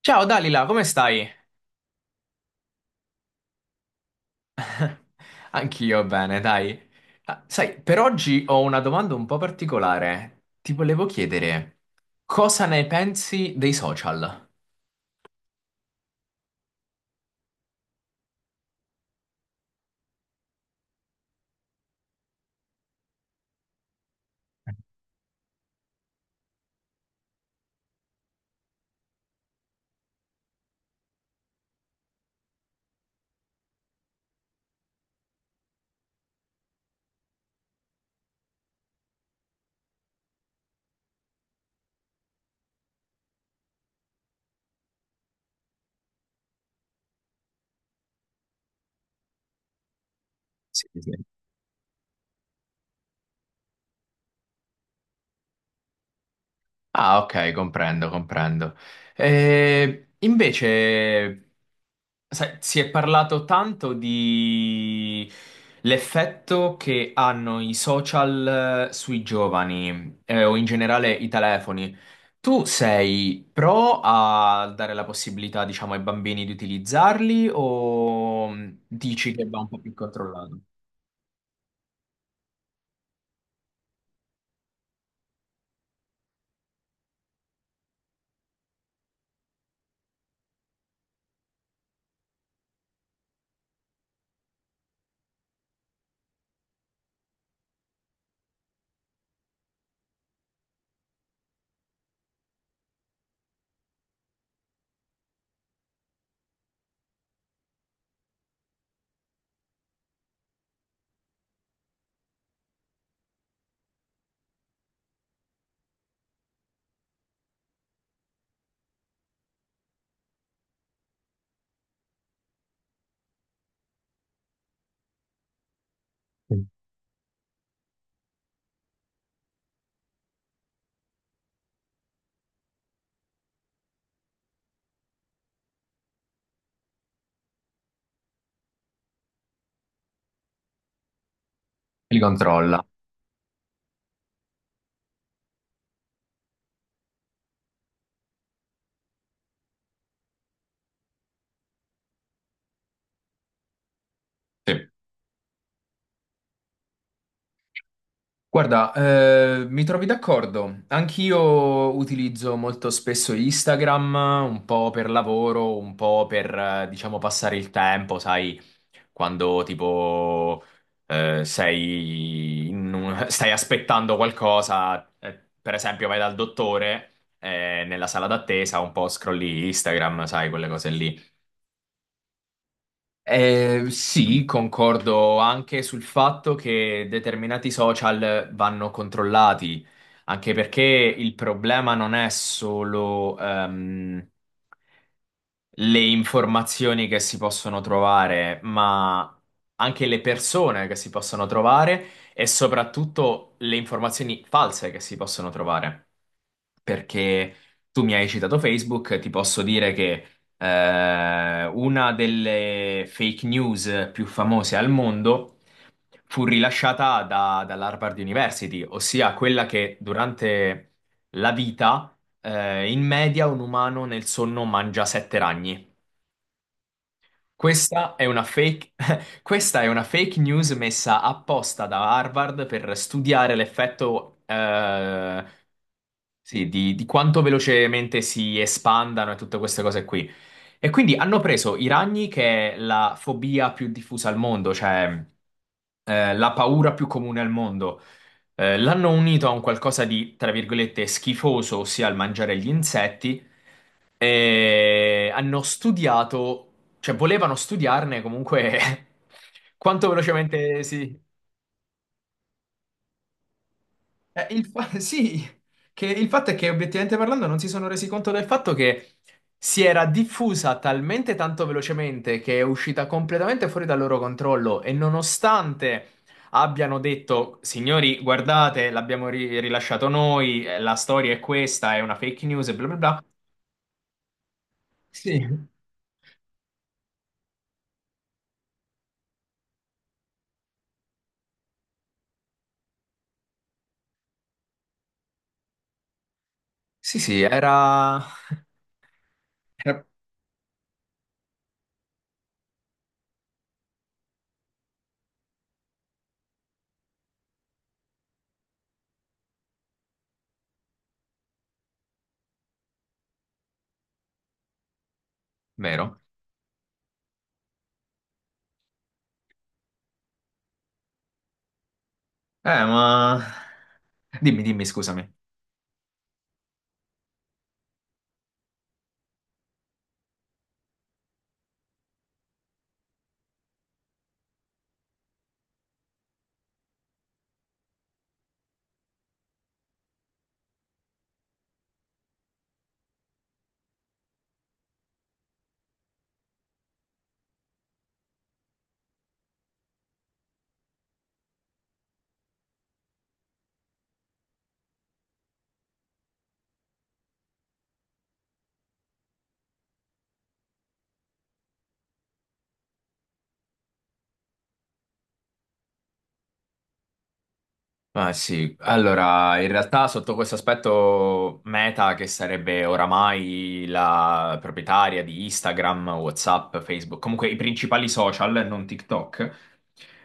Ciao Dalila, come stai? Anch'io bene, dai. Ah, sai, per oggi ho una domanda un po' particolare. Ti volevo chiedere cosa ne pensi dei social? Sì, sì. Ah, ok, comprendo, comprendo. Invece, sai, si è parlato tanto di l'effetto che hanno i social sui giovani, o in generale i telefoni. Tu sei pro a dare la possibilità, diciamo, ai bambini di utilizzarli o dici che va un po' più controllato? Li controlla. Sì. Guarda, mi trovi d'accordo. Anch'io utilizzo molto spesso Instagram, un po' per lavoro, un po' per, diciamo, passare il tempo, sai, quando tipo stai aspettando qualcosa, per esempio vai dal dottore nella sala d'attesa, un po' scrolli Instagram, sai, quelle cose lì. Sì, concordo anche sul fatto che determinati social vanno controllati, anche perché il problema non è solo le informazioni che si possono trovare, ma anche le persone che si possono trovare e soprattutto le informazioni false che si possono trovare. Perché tu mi hai citato Facebook, ti posso dire che una delle fake news più famose al mondo fu rilasciata dall'Harvard University, ossia quella che durante la vita, in media un umano nel sonno mangia sette ragni. Questa è una fake, questa è una fake news messa apposta da Harvard per studiare l'effetto, sì, di quanto velocemente si espandano e tutte queste cose qui. E quindi hanno preso i ragni, che è la fobia più diffusa al mondo, cioè la paura più comune al mondo. L'hanno unito a un qualcosa di, tra virgolette, schifoso, ossia il mangiare gli insetti, e hanno studiato, cioè volevano studiarne comunque quanto velocemente si. Sì, che il fatto è che, obiettivamente parlando, non si sono resi conto del fatto che si era diffusa talmente tanto velocemente che è uscita completamente fuori dal loro controllo e, nonostante abbiano detto: "Signori, guardate, l'abbiamo rilasciato noi, la storia è questa, è una fake news" e bla bla bla. Sì, sì, sì, era vero. Ma... Dimmi, dimmi, scusami. Ah, sì, allora in realtà sotto questo aspetto Meta, che sarebbe oramai la proprietaria di Instagram, WhatsApp, Facebook, comunque i principali social, non TikTok,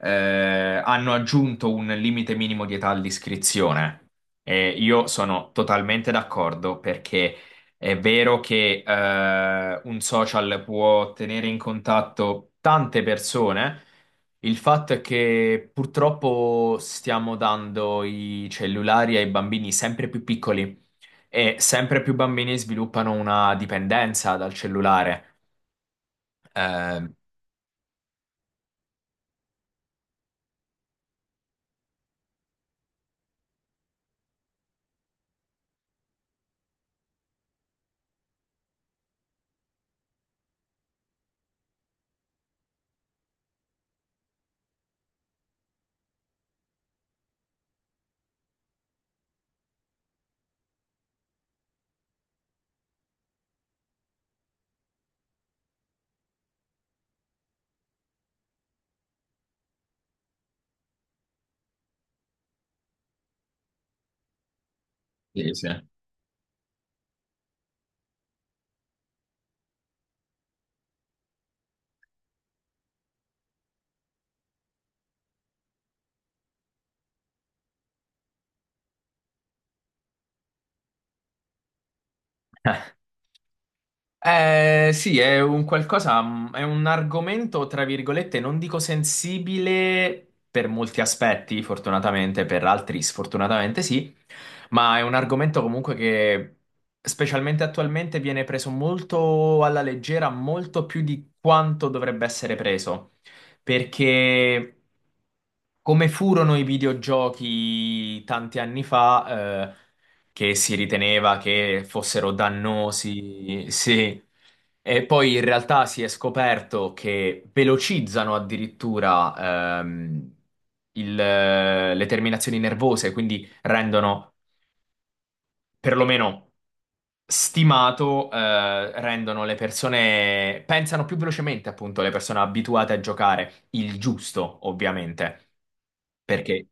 eh, hanno aggiunto un limite minimo di età all'iscrizione. E io sono totalmente d'accordo perché è vero che un social può tenere in contatto tante persone. Il fatto è che purtroppo stiamo dando i cellulari ai bambini sempre più piccoli e sempre più bambini sviluppano una dipendenza dal cellulare. Eh, Sì, sì. Sì, è un qualcosa, è un argomento, tra virgolette, non dico sensibile per molti aspetti, fortunatamente, per altri sfortunatamente sì, ma è un argomento comunque che, specialmente attualmente, viene preso molto alla leggera, molto più di quanto dovrebbe essere preso, perché, come furono i videogiochi tanti anni fa, che si riteneva che fossero dannosi, sì. E poi in realtà si è scoperto che velocizzano addirittura le terminazioni nervose, quindi rendono, perlomeno stimato, rendono le persone, pensano più velocemente, appunto, le persone abituate a giocare, il giusto, ovviamente. Perché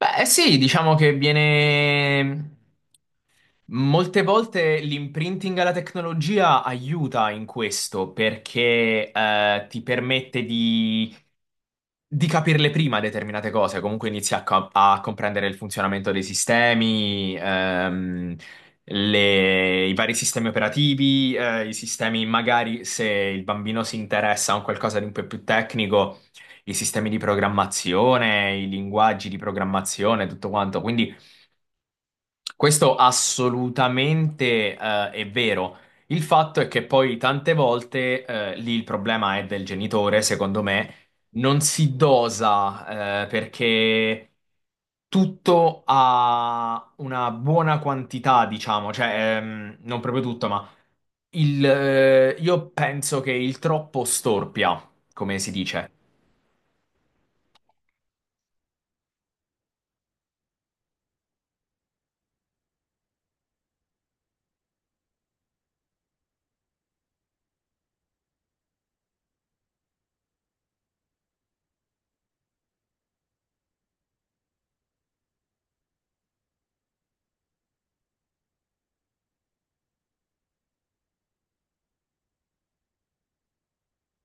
Beh, sì, diciamo che viene. Molte volte l'imprinting alla tecnologia aiuta in questo perché ti permette di, capirle prima determinate cose, comunque inizi a, a comprendere il funzionamento dei sistemi, i vari sistemi operativi, i sistemi, magari se il bambino si interessa a un qualcosa di un po' più tecnico, i sistemi di programmazione, i linguaggi di programmazione, tutto quanto. Quindi questo assolutamente, è vero. Il fatto è che poi tante volte, lì il problema è del genitore, secondo me, non si dosa, perché tutto ha una buona quantità, diciamo, cioè, non proprio tutto, ma io penso che il troppo storpia, come si dice.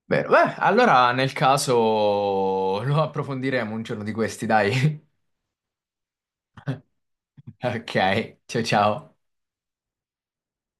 Vero. Beh, allora nel caso lo approfondiremo un giorno di questi, dai. Ok, ciao ciao.